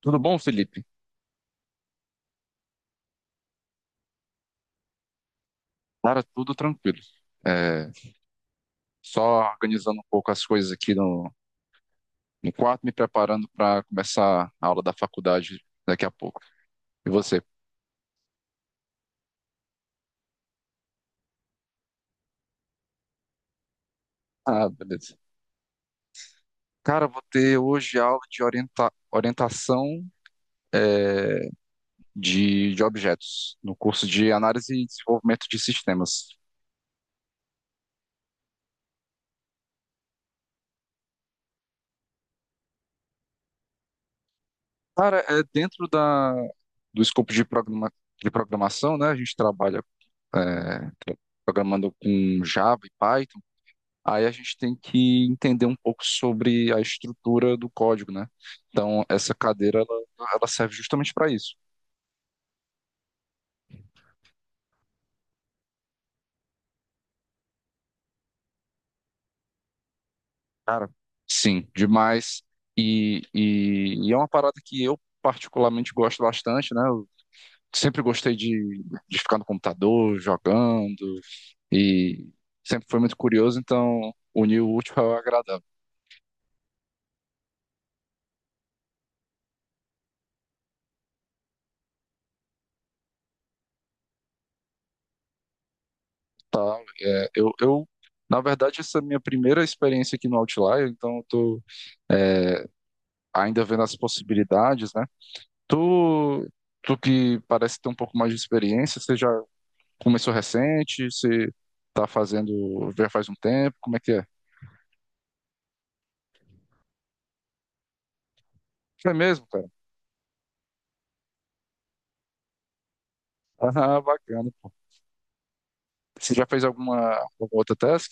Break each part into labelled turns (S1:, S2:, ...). S1: Tudo bom, Felipe? Cara, tudo tranquilo. É, só organizando um pouco as coisas aqui no quarto, me preparando para começar a aula da faculdade daqui a pouco. E você? Ah, beleza. Cara, vou ter hoje aula de orientação é, de objetos, no curso de análise e desenvolvimento de sistemas. Cara, é dentro da, do escopo de programação, né? A gente trabalha é, programando com Java e Python. Aí a gente tem que entender um pouco sobre a estrutura do código, né? Então, essa cadeira, ela serve justamente para isso. Cara, sim, demais. E é uma parada que eu particularmente gosto bastante, né? Eu sempre gostei de ficar no computador, jogando, e sempre foi muito curioso, então unir o útil ao agradável, tá? É, eu, na verdade, essa é a minha primeira experiência aqui no Outlier, então eu tô é, ainda vendo as possibilidades, né? Tu, tu que parece ter um pouco mais de experiência, você já começou recente, você tá fazendo já faz um tempo, como é que é? É mesmo, cara? Ah, bacana. Você já fez alguma outra task?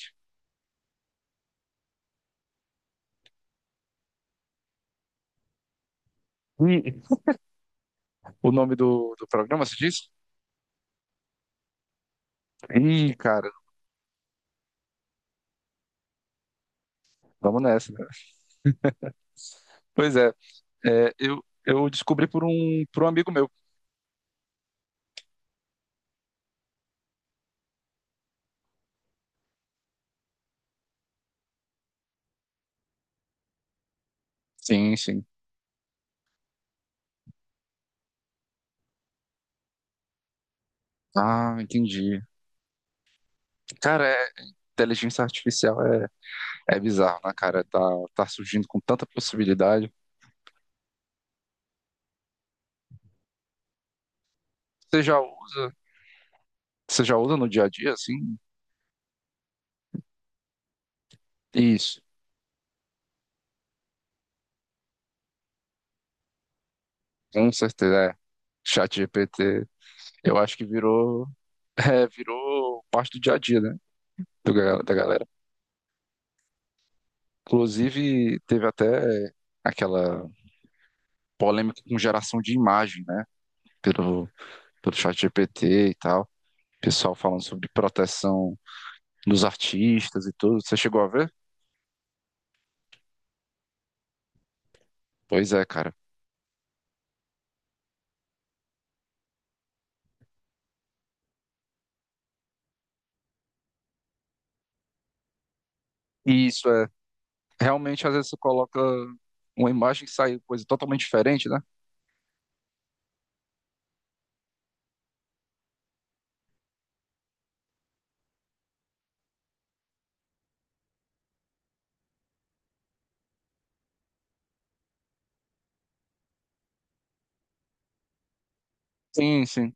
S1: Ih, o nome do programa, se diz? Ih, cara, vamos nessa, né? Pois é, eu descobri por um amigo meu. Sim, sim. Ah, entendi. Cara, inteligência artificial é bizarro, né, cara? Tá, tá surgindo com tanta possibilidade. Você já usa, você já usa no dia a dia, assim? Isso, com certeza. É. Chat GPT, eu acho que virou parte do dia a dia, né? Da galera. Inclusive, teve até aquela polêmica com geração de imagem, né? Pelo, pelo chat GPT e tal. Pessoal falando sobre proteção dos artistas e tudo. Você chegou a ver? Pois é, cara. isso é Realmente, às vezes, você coloca uma imagem que sai coisa totalmente diferente, né? Sim, sim.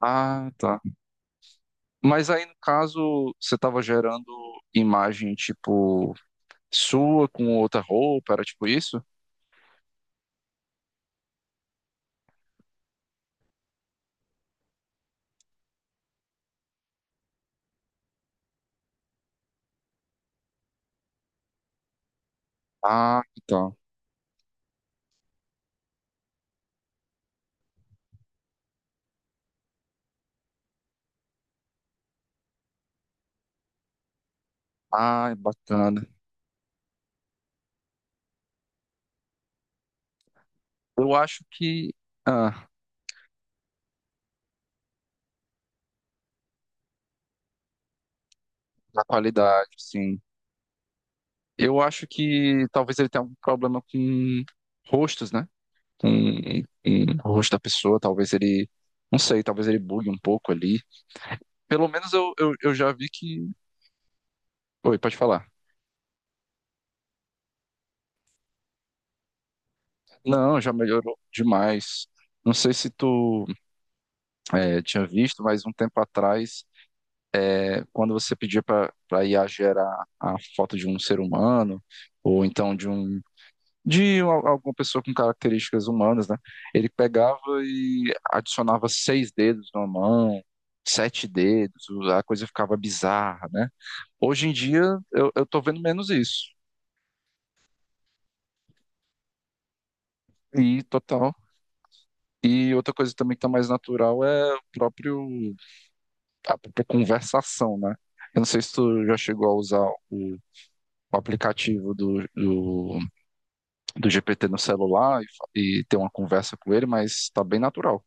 S1: Ah, tá. Mas aí, no caso, você estava gerando imagem, tipo, sua com outra roupa, era tipo isso? Ah, tá. Ah, é bacana. Eu acho que. Ah, da qualidade, sim. Eu acho que talvez ele tenha algum problema com rostos, né? Com, com o rosto da pessoa, talvez ele. Não sei, talvez ele bugue um pouco ali. Pelo menos eu já vi que. Pode falar. Não, já melhorou demais. Não sei se tu tinha visto, mas um tempo atrás, quando você pedia para IA gerar a foto de um ser humano, ou então de alguma pessoa com características humanas, né? Ele pegava e adicionava seis dedos na mão, sete dedos, a coisa ficava bizarra, né? Hoje em dia eu tô vendo menos isso. E total. E outra coisa também que tá mais natural é o próprio a própria conversação, né? Eu não sei se tu já chegou a usar o, o aplicativo do GPT no celular e ter uma conversa com ele, mas tá bem natural.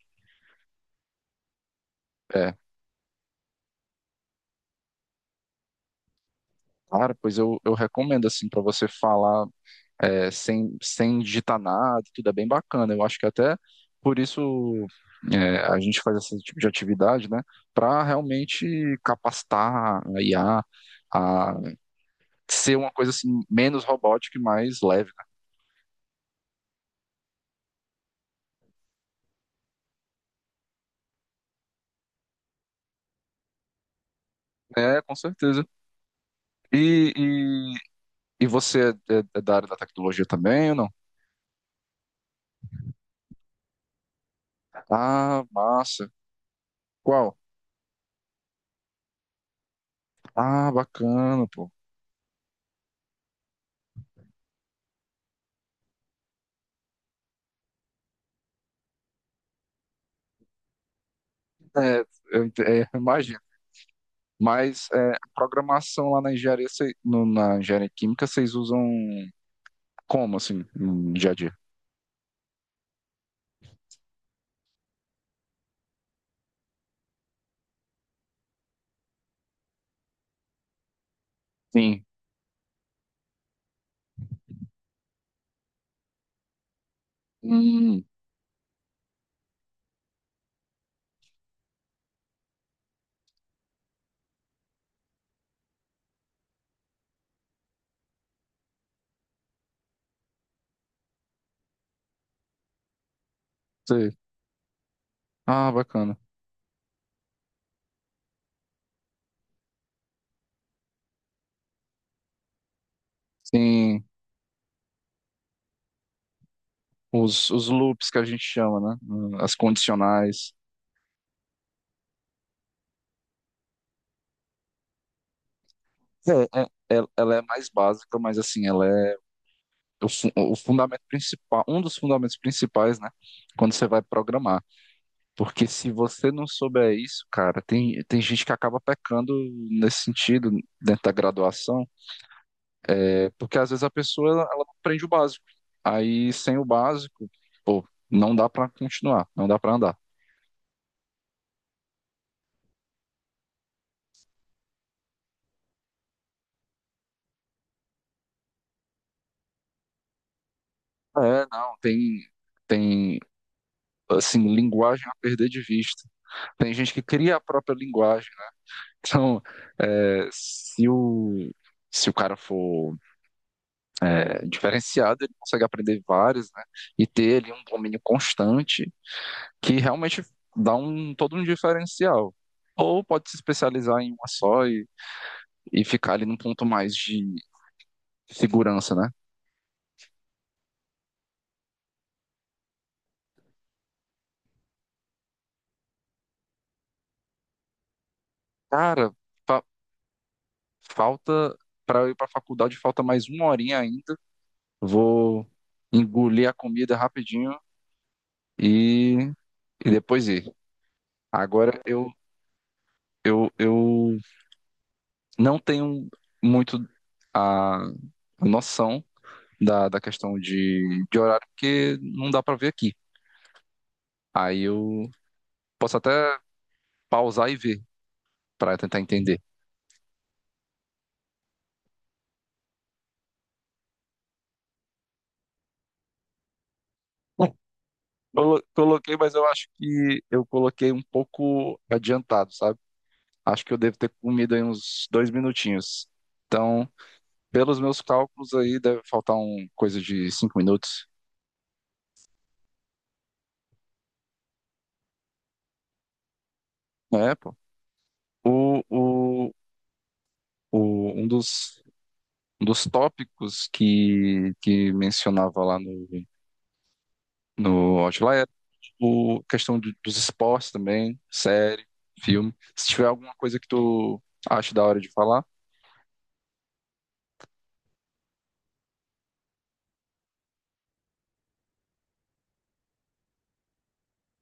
S1: É, cara, pois eu recomendo, assim, para você falar sem digitar nada, tudo é bem bacana. Eu acho que até por isso a gente faz esse tipo de atividade, né, para realmente capacitar a IA a ser uma coisa, assim, menos robótica e mais leve. Né? É, com certeza. E, e, e você é da área da tecnologia também ou não? Ah, massa. Qual? Ah, bacana, pô. É, eu imagino. Mas a programação lá na engenharia, na engenharia química, vocês usam como, assim, no dia a dia? Sim. Hum, sei. Ah, bacana. Sim, os loops que a gente chama, né? As condicionais. É, ela é mais básica, mas assim, o fundamento principal, um dos fundamentos principais, né? Quando você vai programar. Porque se você não souber isso, cara, tem gente que acaba pecando nesse sentido, dentro da graduação, porque às vezes a pessoa ela não aprende o básico. Aí sem o básico, pô, não dá pra continuar, não dá pra andar. É, não, tem, assim, linguagem a perder de vista. Tem gente que cria a própria linguagem. Então, é, se o, se o cara for diferenciado, ele consegue aprender várias, né? E ter ali um domínio constante que realmente dá um todo um diferencial. Ou pode se especializar em uma só e ficar ali num ponto mais de segurança, né? Cara, fa- falta para eu ir para a faculdade, falta mais uma horinha ainda. Vou engolir a comida rapidinho e, e depois ir. Agora eu não tenho muito a noção da questão de horário, porque não dá para ver aqui. Aí eu posso até pausar e ver para tentar entender. Coloquei, mas eu acho que eu coloquei um pouco adiantado, sabe? Acho que eu devo ter comido aí uns 2 minutinhos. Então, pelos meus cálculos aí, deve faltar um coisa de 5 minutos. É, pô. O, o, o, um dos, um dos tópicos que mencionava lá no Outlier, o questão dos esportes também, série, filme. Se tiver alguma coisa que tu acha da hora de falar.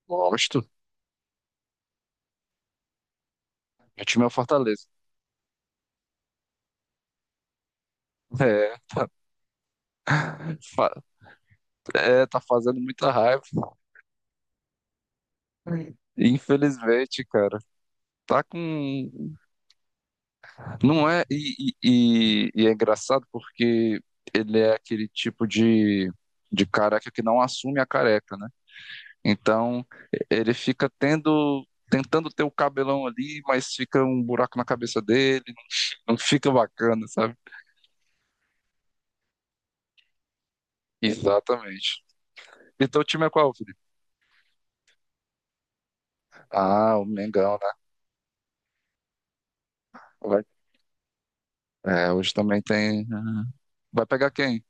S1: Gosto. Meu time é o Fortaleza. É, tá, fa- tá fazendo muita raiva. Infelizmente, cara. Tá com. Não é. E é engraçado porque ele é aquele tipo de careca que não assume a careca, né? Então, ele fica tendo. Tentando ter o cabelão ali, mas fica um buraco na cabeça dele. Não fica bacana, sabe? Exatamente. E teu time é qual, Felipe? Ah, o Mengão, né? Vai- Hoje também tem. Vai pegar quem?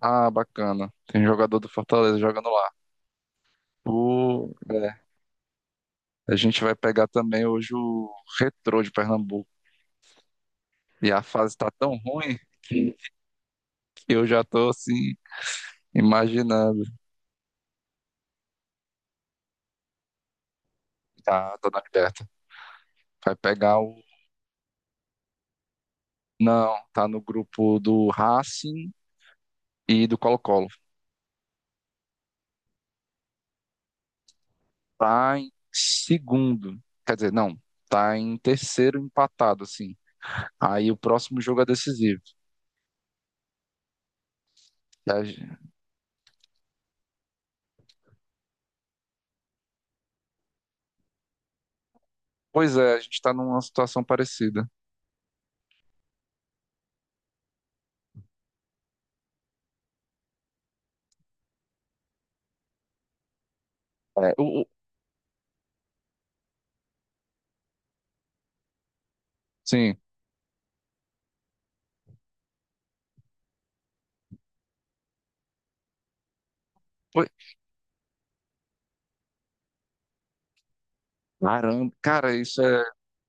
S1: Ah, bacana. Tem jogador do Fortaleza jogando lá. O... é, A gente vai pegar também hoje o Retrô de Pernambuco. E a fase tá tão ruim que eu já tô assim, imaginando. Tá, tô na liberta. Vai pegar o. Não, tá no grupo do Racing e do Colo-Colo. Tá em segundo. Quer dizer, não, tá em terceiro empatado, assim. Aí o próximo jogo é decisivo. E a gen- Pois é, a gente tá numa situação parecida. É, o, o- sim. Pô, caramba, cara, isso é,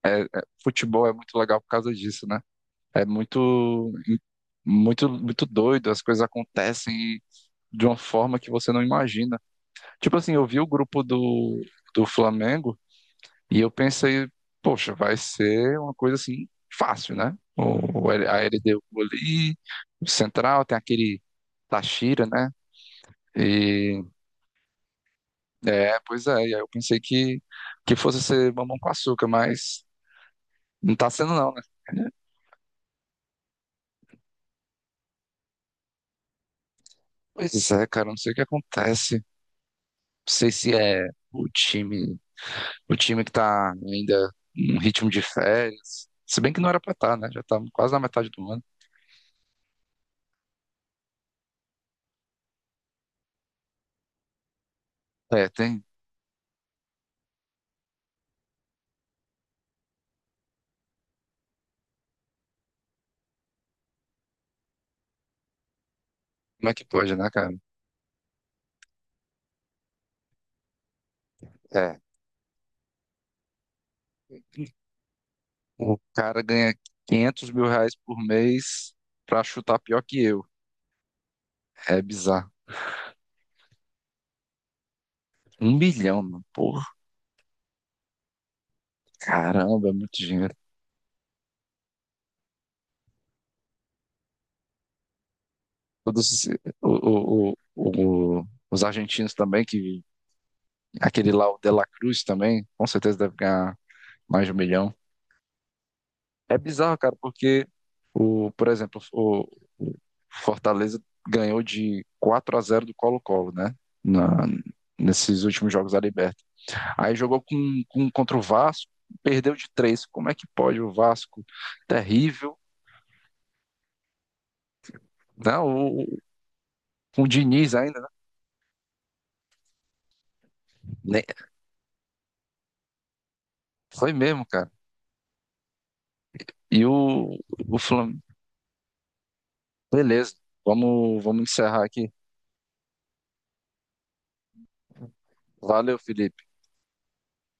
S1: é- é- futebol é muito legal por causa disso, né? É muito, muito, muito doido, as coisas acontecem de uma forma que você não imagina. Tipo assim, eu vi o grupo do Flamengo. E eu pensei, poxa, vai ser uma coisa assim fácil, né? A LDU ali, o Central, tem aquele tachira, né? E Pois é, e aí eu pensei que fosse ser mamão com açúcar, mas não tá sendo não, né? Pois é, cara, não sei o que acontece. Não sei se é o time, o time que tá ainda em ritmo de férias. Se bem que não era pra estar, né? Já tá quase na metade do ano. É, tem. Como é que pode, né, cara? É. O cara ganha 500 mil reais por mês pra chutar pior que eu. É bizarro. 1 bilhão, mano. Porra, caramba, é muito dinheiro. Todos, os argentinos também, que aquele lá, o De La Cruz também, com certeza deve ganhar mais de 1 milhão. É bizarro, cara, porque, por exemplo, o Fortaleza ganhou de 4-0 do Colo-Colo, né? Na, Nesses últimos jogos da Libertadores. Aí jogou contra o Vasco, perdeu de três. Como é que pode o Vasco? Terrível. Não? o, com o Diniz ainda, né? Foi mesmo, cara. E o Flamengo. Beleza, vamos encerrar aqui. Valeu, Felipe.